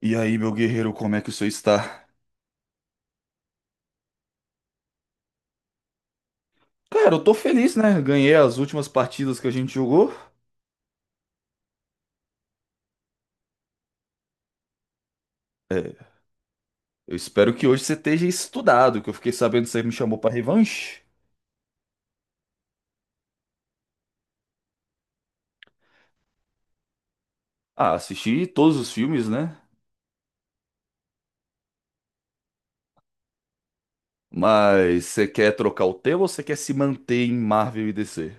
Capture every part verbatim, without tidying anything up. E aí, meu guerreiro, como é que o senhor está? Cara, eu tô feliz, né? Ganhei as últimas partidas que a gente jogou. É, eu espero que hoje você esteja estudado, que eu fiquei sabendo que você me chamou pra revanche. Ah, assisti todos os filmes, né? Mas você quer trocar o tema ou você quer se manter em Marvel e D C?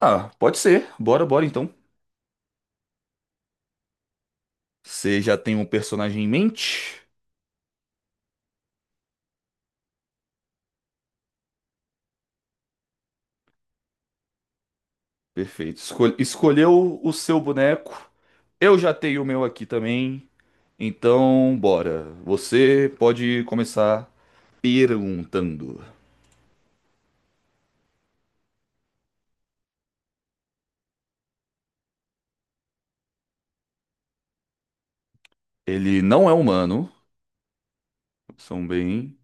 Ah, pode ser. Bora, bora então. Você já tem um personagem em mente? Perfeito. Escol- escolheu o seu boneco. Eu já tenho o meu aqui também. Então, bora. Você pode começar perguntando. Ele não é humano, são bem.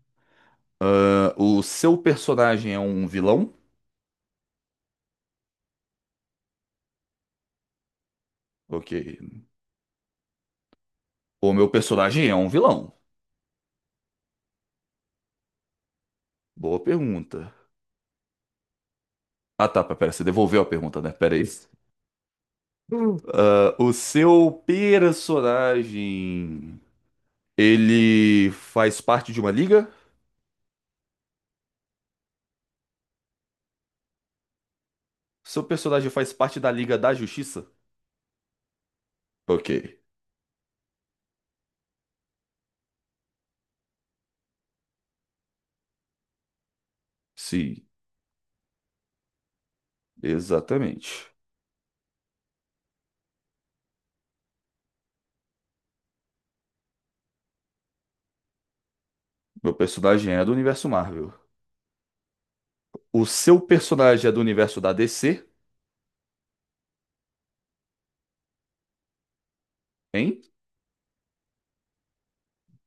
Ah, o seu personagem é um vilão? Ok. O meu personagem é um vilão. Boa pergunta. Ah tá, pera, você devolveu a pergunta, né? Pera aí. Ah, o seu personagem. Ele faz parte de uma liga? Seu personagem faz parte da Liga da Justiça? Ok. Sim, exatamente. Meu personagem é do universo Marvel. O seu personagem é do universo da D C, hein?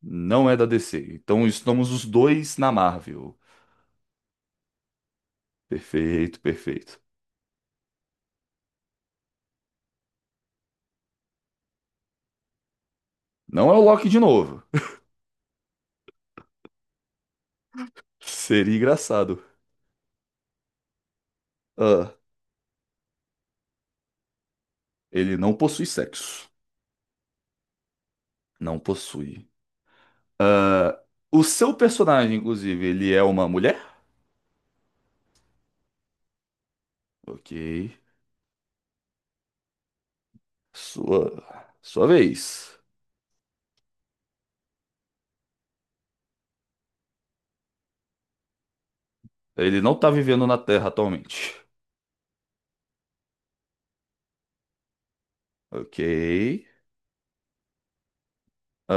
Não é da D C. Então estamos os dois na Marvel. Perfeito, perfeito. Não é o Loki de novo. Seria engraçado. Ah, ele não possui sexo. Não possui. O seu personagem, inclusive, ele é uma mulher? Ok. Sua, sua vez. Ele não tá vivendo na Terra atualmente. Ok.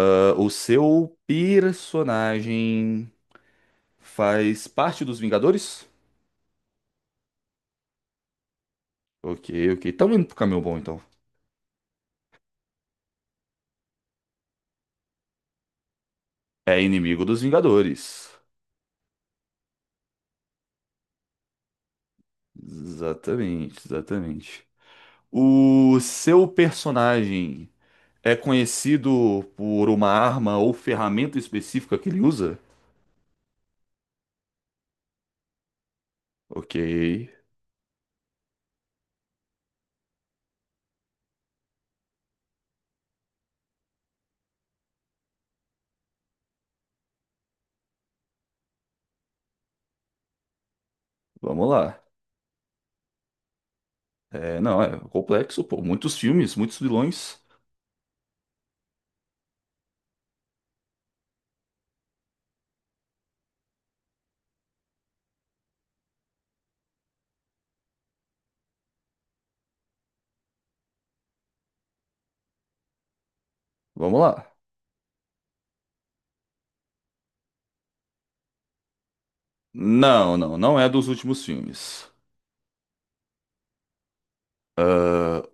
Ah, o seu personagem faz parte dos Vingadores? Ok, ok. Tá indo pro caminho bom, então. É inimigo dos Vingadores. Exatamente, exatamente. O seu personagem é conhecido por uma arma ou ferramenta específica que ele usa? Ok, vamos lá. É, não, é complexo, pô. Muitos filmes, muitos vilões. Vamos lá. Não, não, não é dos últimos filmes.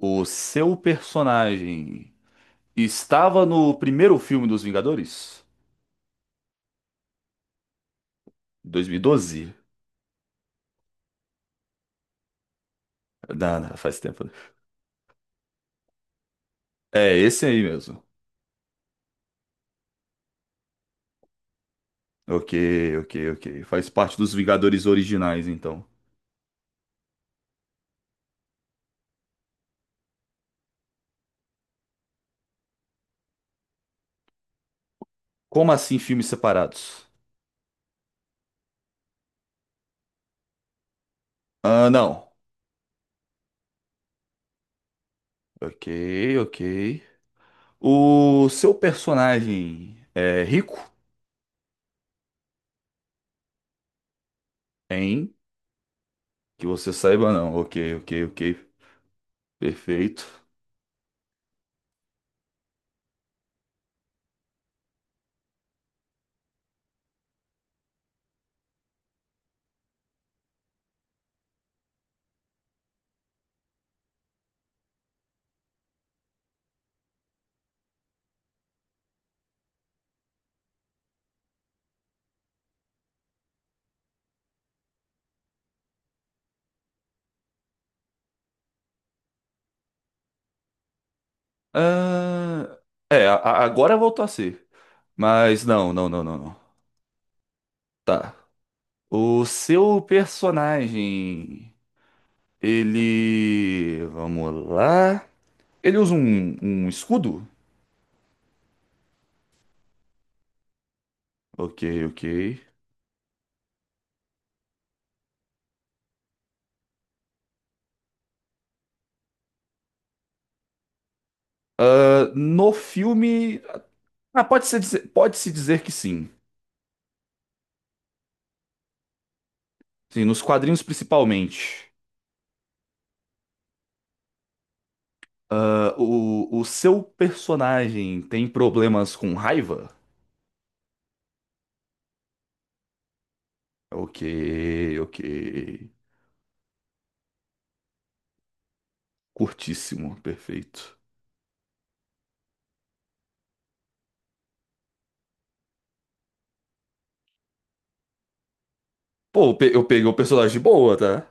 O seu personagem estava no primeiro filme dos Vingadores? dois mil e doze? Não, não, faz tempo. É esse aí mesmo. Ok, ok, ok. Faz parte dos Vingadores originais, então. Como assim filmes separados? Ah, não. Ok, ok. O seu personagem é rico? Hein? Que você saiba, não. Ok, ok, ok. Perfeito. Ah, é, a- a- agora voltou a ser. Mas não, não, não, não, não. Tá. O seu personagem, ele. Vamos lá. Ele usa um, um escudo? Ok, ok. Ah, no filme, ah, pode ser dizer- pode-se dizer que sim. Sim, nos quadrinhos principalmente. Ah, o, o seu personagem tem problemas com raiva? Ok, ok. Curtíssimo, perfeito. Pô, eu pe- eu peguei o personagem de boa, tá?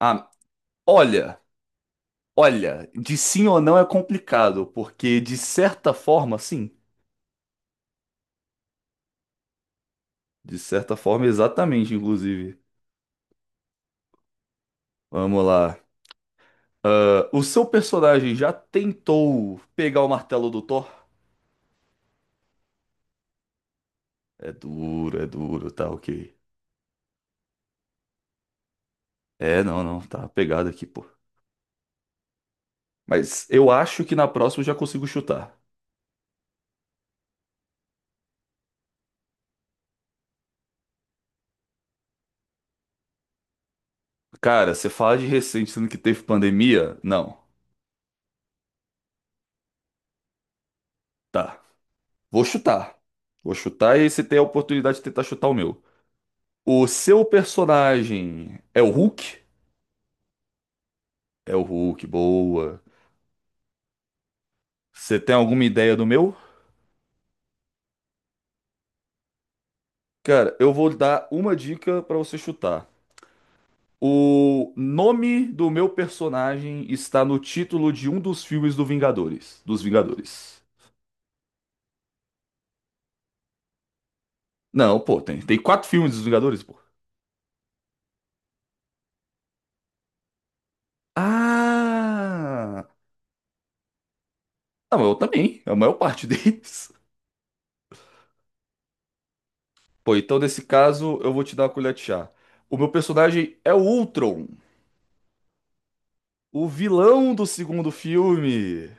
Ah, olha, olha, de sim ou não é complicado, porque de certa forma, sim. De certa forma, exatamente, inclusive. Vamos lá. O seu personagem já tentou pegar o martelo do Thor? É duro, é duro, tá ok. É, não, não, tá pegado aqui, pô. Mas eu acho que na próxima eu já consigo chutar. Cara, você fala de recente, sendo que teve pandemia? Não. Tá. Vou chutar. Vou chutar e você tem a oportunidade de tentar chutar o meu. O seu personagem é o Hulk? É o Hulk, boa. Você tem alguma ideia do meu? Cara, eu vou dar uma dica pra você chutar. O nome do meu personagem está no título de um dos filmes do Vingadores. Dos Vingadores. Não, pô, tem, tem quatro filmes dos Vingadores, pô. Ah! Não, eu também, é a maior parte deles. Pô, então nesse caso eu vou te dar uma colher de chá. O meu personagem é o Ultron, o vilão do segundo filme.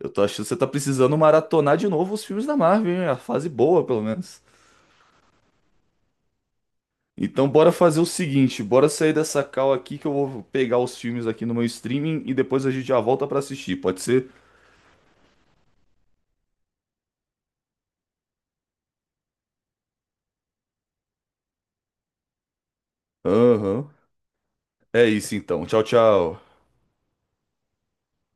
Eu tô achando que você tá precisando maratonar de novo os filmes da Marvel, hein? A fase boa, pelo menos. Então bora fazer o seguinte, bora sair dessa call aqui que eu vou pegar os filmes aqui no meu streaming e depois a gente já volta pra assistir, pode ser? Aham. É isso então. Tchau, tchau.